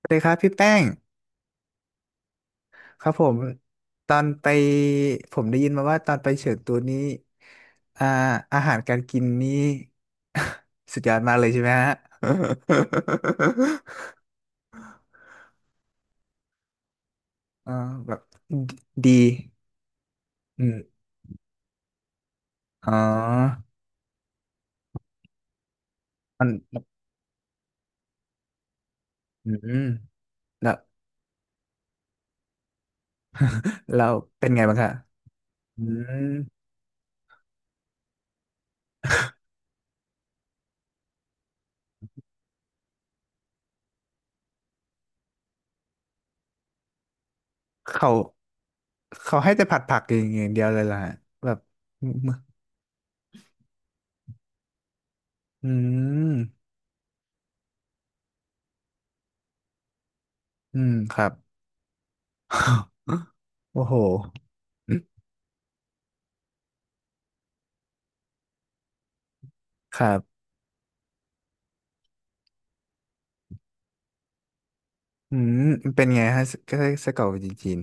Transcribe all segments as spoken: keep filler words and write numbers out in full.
สวัสดีครับพี่แป้งครับผมตอนไปผมได้ยินมาว่าตอนไปเฉิงตูนี้อ่าอาหารการกินนี่สุดยอดมากเลยใช่ไหมฮะ อ่าแบบดีอืมอ๋อมันอืมแล้วเราเป็นไงบ้างคะอืมเขาเขาให้แต่ผัดผักอย่างอย่างเดียวเลยล่ะแบบอืมอืมครับ โอ้โหครับ อืมมันเป็นไงฮะก็ไส้กรอกจีนจีน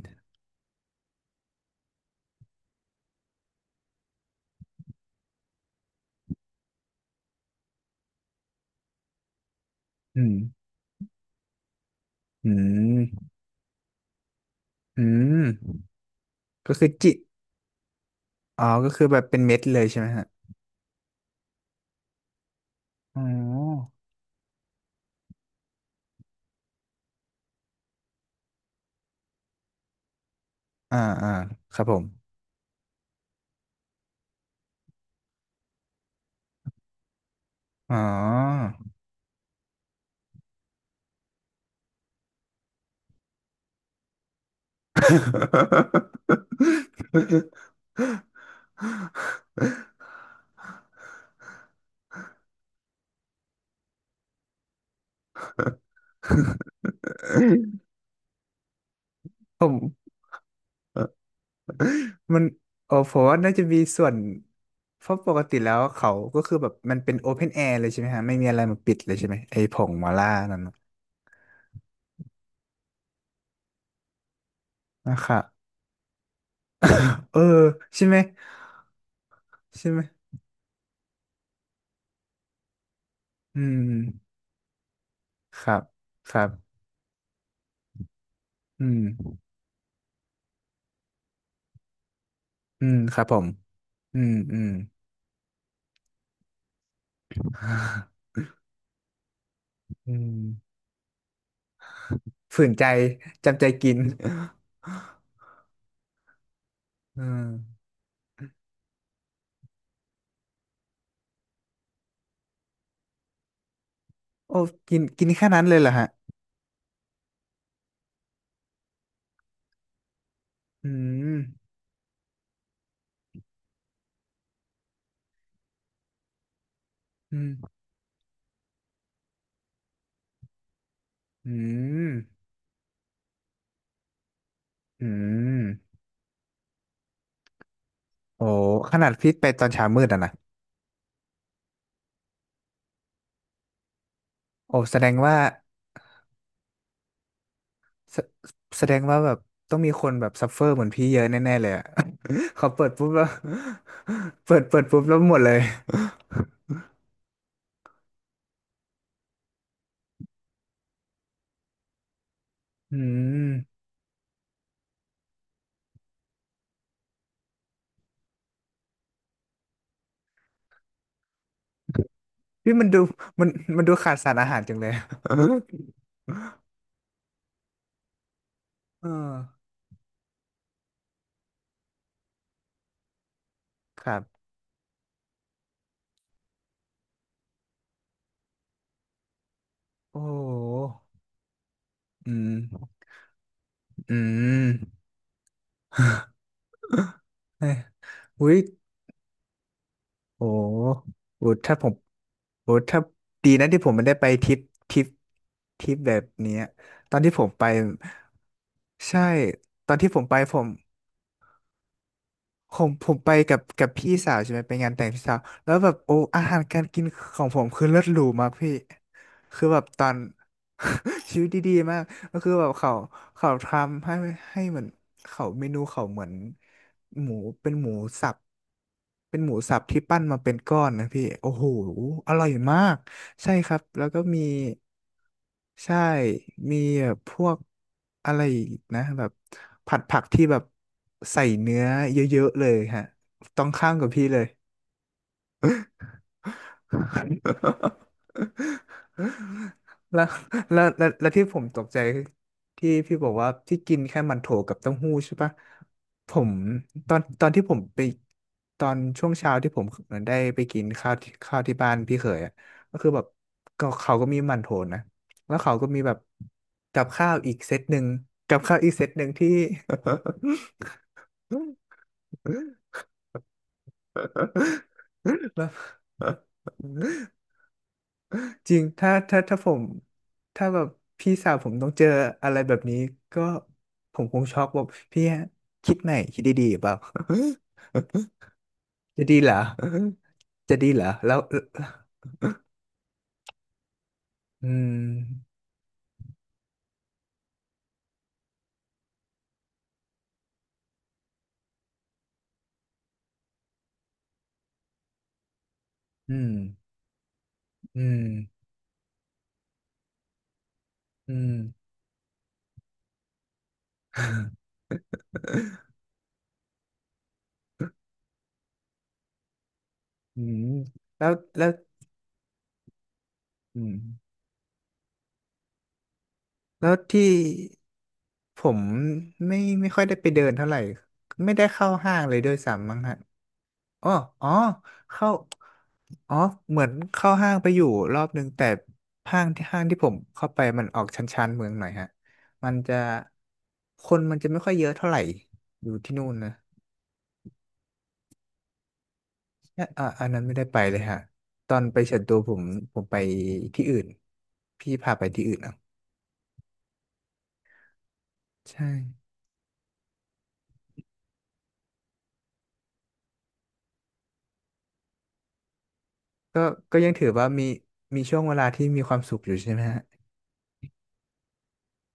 อืมอืมอืมก็คือจิอ๋อก็คือแบบเป็นเม็ดเลยใช่ไหมฮะอ๋ออ่าอ่าครับผมอ๋อ ผมมันโอ้ผมว่าน่าจะมีส่วนเพราะปกติแล้วเขาก็คือแบบมันเป็นโอเพนแอร์เลยใช่ไหมฮะไม่มีอะไรมาปิดเลยใช่ไหมไอ้ผงมาล่านั่นนะครับเออใช่ไหมใช่ไหมอืมครับครับ อืมอืมครับผมอืมอืมอืมฝืนใจจำใจกิน อืมโอ้กินกินแค่นั้นเลยเหรอฮะอืมอืมอืมอืมโอ้ขนาดพี่ไปตอนเช้ามืดอะนะโอ้แสดงว่าแสแสดงว่าแบบต้องมีคนแบบซัฟเฟอร์เหมือนพี่เยอะแน่ๆเลยอะ เขาเปิดปุ๊บแล้ว เปิดเปิดปุ๊บแล้วหมดเลย อืม พี่มันดูมันมันดูขาดสารอาหารจังเลย เออครับโอ้โหอืม อืมเฮ้ยอุ้ยโอ้โหโอ้ ถ้าผมโอ้ถ้าดีนะที่ผมไม่ได้ไปทริปทริปทริปแบบเนี้ยตอนที่ผมไป ใช่ ตอนที่ผมไปผม ผมผมไปกับกับพี่สาวใช่ไหมไปงานแต่งพี่สาวแล้วแบบโอ้อาหารการกินของผมคือเลิศหรูมากพี่คือแบบตอน ชีวิตดีๆมากก็คือแบบเขาเขาทำให้ให้เหมือนเขาเมนูเขาเหมือนหมูเป็นหมูสับ เป็นหมูสับที่ปั้นมาเป็นก้อนนะพี่โอ้โหอร่อยมากใช่ครับแล้วก็มีใช่มีแบบพวกอะไรอีกนะแบบผัดผักที่แบบใส่เนื้อเยอะๆเลยฮะต้องข้ามกับพี่เลย แล้วแล้วแล้วแล้วที่ผมตกใจที่พี่บอกว่าที่กินแค่มันโถกับเต้าหู้ใช่ปะผมตอนตอนที่ผมไปตอนช่วงเช้าที่ผมเหมือนได้ไปกินข้าวที่ข้าวที่บ้านพี่เขยอ่ะก็คือแบบก็เขาก็มีมันโถนะแล้วเขาก็มีแบบกับข้าวอีกเซตหนึ่งกับข้าวอีกเซตหนึ่งที่ แล้ จริงถ้าถ้า ถ้าผม ถ้าแบบ พี่สาวผมต้องเจออะไรแบบนี้ ก็ผมคงช็อกแบบพี่คิดใหม่คิดดีๆเปล่า จะดีเหรอ จะดีเหรอ แล้วอืมอืมอืมอืมอืมแล้ว แล้วอืม แล้วที่ผมไม่ไม่ค่อยได้ไปเดินเท่าไหร่ไม่ได้เข้าห้างเลยด้วยซ้ำมั้งฮะอ๋ออ๋อเข้าอ๋อเหมือนเข้าห้างไปอยู่รอบนึงแต่ห้างที่ห้างที่ผมเข้าไปมันออกชันชันเมืองหน่อยฮะมันจะคนมันจะไม่ค่อยเยอะเท่าไหร่อยู่ที่นู่นนะอ่ะอะอันนั้นไม่ได้ไปเลยฮะตอนไปเฉินตูผมผมไปที่อื่นพี่พาไปที่อื่นเอ่ะใช่ ก็ก็ยังถือว่ามีมีช่วงเวลาที่มีความสุขอยู่ใช่ไหมฮะ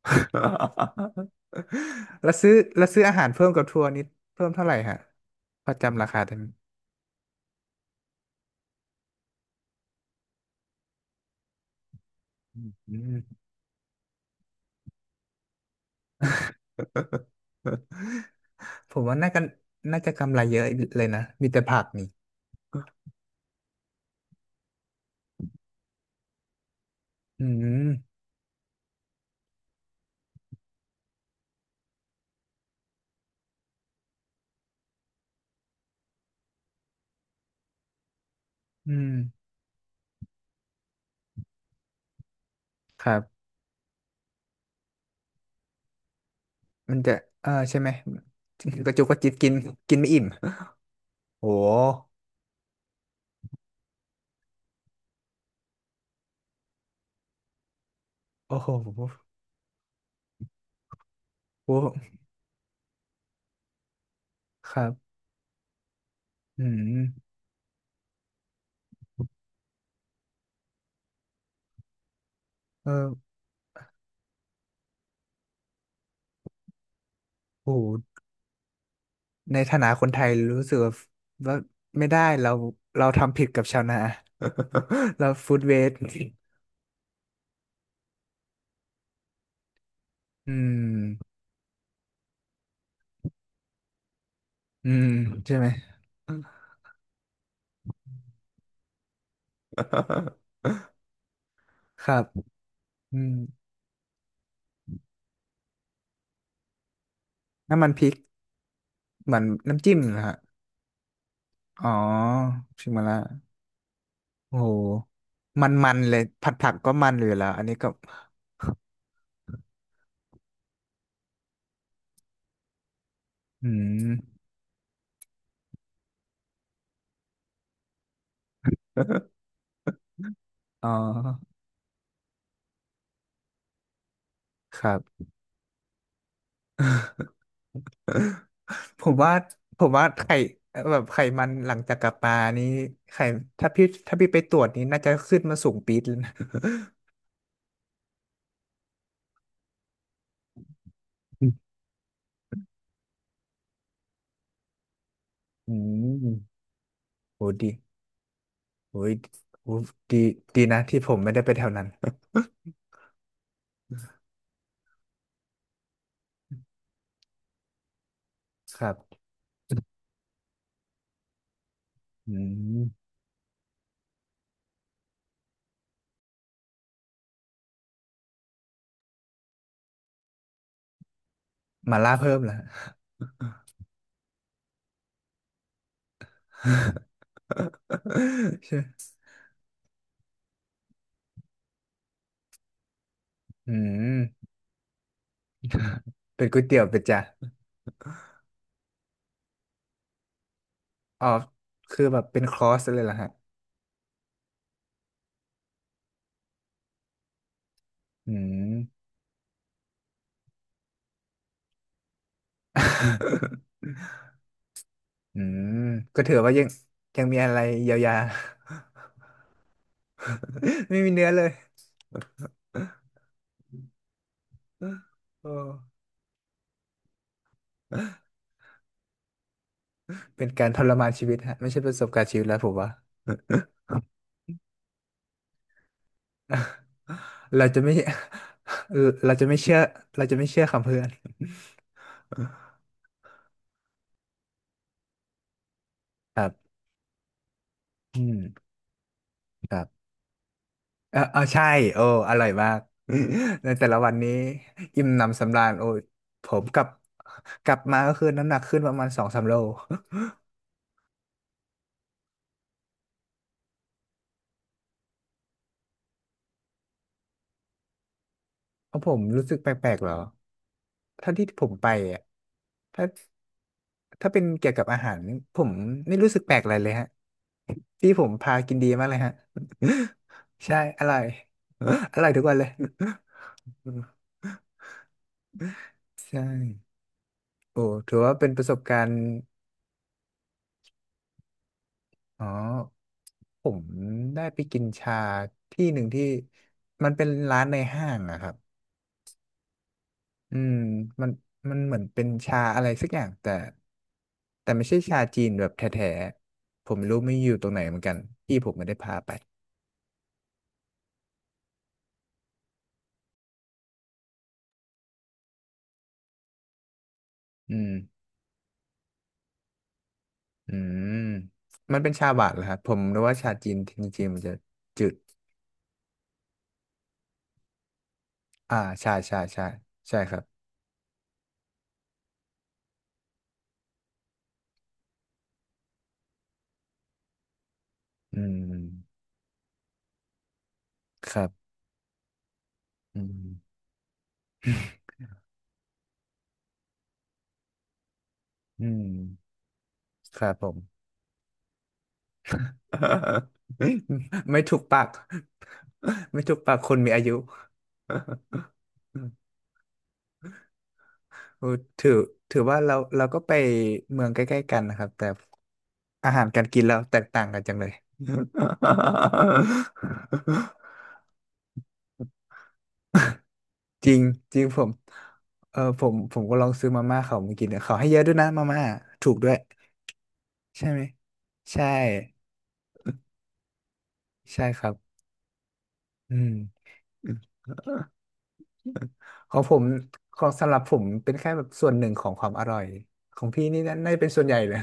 แล้วซื้อแล้วซื้ออาหารเพิ่มกับทัวร์นี้เพิ่มเท่าไหร่ฮะพอจำราคาได้ไหมอืม ผมว่าน่ากันน่าจะกำไรเยอะเลยนะมีแต่ผักนี่อืมอืมครับมันจะเออใช่ไหมกระจุกกระจิบกินกินไม่อิ่ม โอ้โหโอ้โหโอ้โหครับอืมเออโอ้โห ในฐานะคนไทยรู้สึกว่าว่าไม่ได้เราเราทำผิดกับชาวนา เราฟู้ดเวสต์อืมอืมใช่ไหมครับอืมน้ำมันพริกเหมือนน้ำจิ้มเหรอฮะอ๋อชิมมาละโอ้โหมันมันเลยผัดผักก็มันอยู่แล้วอันนี้ก็อืมอ๋อครับ ผมว่าผมว่าไข่เอ่อแบบไขมันหลังจากกลับมานี้ไข่ถ้าพี่ถ้าพี่ไปตรวจนี้น่าจะขึ้นมาสูงปี๊ดเลยนะอืมโหดีโหยโหดีดีนะที่ผมไม่ได้ไปแถวนั้น ครับอืมมาล่าเพิ่มแล้ว ใช่อืม เป็นก๋วยเตี๋ยวเป็นจ้ะอ๋อคือแบบเป็นคอร์สเลยเหรอฮะ อืม อืม ก็ถือว่ายังยังมีอะไรเยียวยา ไม่มีเนื้อเลย โอ้เป็นการทรมานชีวิตฮะไม่ใช่ประสบการณ์ชีวิตแล้วผมว่า เราจะไม่ เราจะไม่เชื่อเราจะไม่เชื่อคำเพื่อน ครับอืมครับเออเออใช่โอ้อร่อยมาก ในแต่ละวันนี้อิ่มหนำสำราญโอ้ยผมกลับกลับมาก็คือน้ำหนักขึ้นประมาณสองสามโล เพราะผมรู้สึกแปลกๆเหรอ ถ้าที่ผมไปอ่ะถ้าถ้าเป็นเกี่ยวกับอาหารผมไม่รู้สึกแปลกอะไรเลยฮะที่ผมพากินดีมากเลยฮะ ใช่อร่อย อร่อยทุกวันเลย ใช่โอ้ถือว่าเป็นประสบการณ์อ๋อผมได้ไปกินชาที่หนึ่งที่มันเป็นร้านในห้างอะครับ อืมมันมันเหมือนเป็นชาอะไรสักอย่างแต่แต่ไม่ใช่ชาจีนแบบแท้ๆผมไม่รู้ไม่อยู่ตรงไหนเหมือนกันพี่ผมไม่ได้พาไปอืมอืมมันเป็นชาหวานเหรอครับผมรู้ว่าชาจีนจริงๆมันจะจืดอ่าชาชาชาใช่ครับอืมครับอืม อืมครับผม ไม่ถูกปาก ไม่ถูกปากคนมีอายุ เออถือถือว่าเราเราก็ไปเมืองใกล้ๆกันนะครับแต่อาหารการกินเราแตกต่างกันจังเลย จริงจริงผมเออผมผมก็ลองซื้อมาม่าเขามากินเนี่ยเขาให้เยอะด้วยนะมาม่าถูกด้วยใช่ไหมใช่ใช่ครับอืม อืมของผมของสำหรับผมเป็นแค่แบบส่วนหนึ่งของความอร่อยของพี่นี่น่าน่าจะเป็นส่วนใหญ่เลย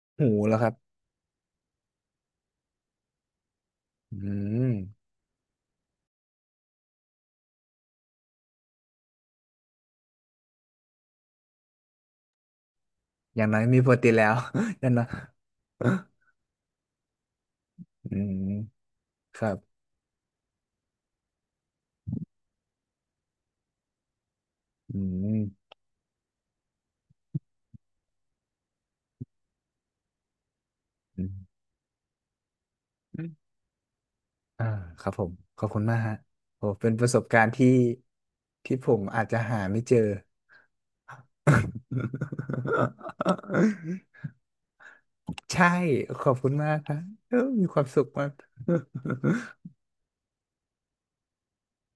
หูแล้วครับอืม อย่างน้อยมีโปรตีนแล้ว อย่างน้อย อืมครับอืมอมอ่าครับผมขอบคุณมากฮะโอ้เป็นประสบการณ์ที่ที่ผมอาจจะหาไม่เจอ ใช่ ขอบคุณมากครับเออมีความสุขมาก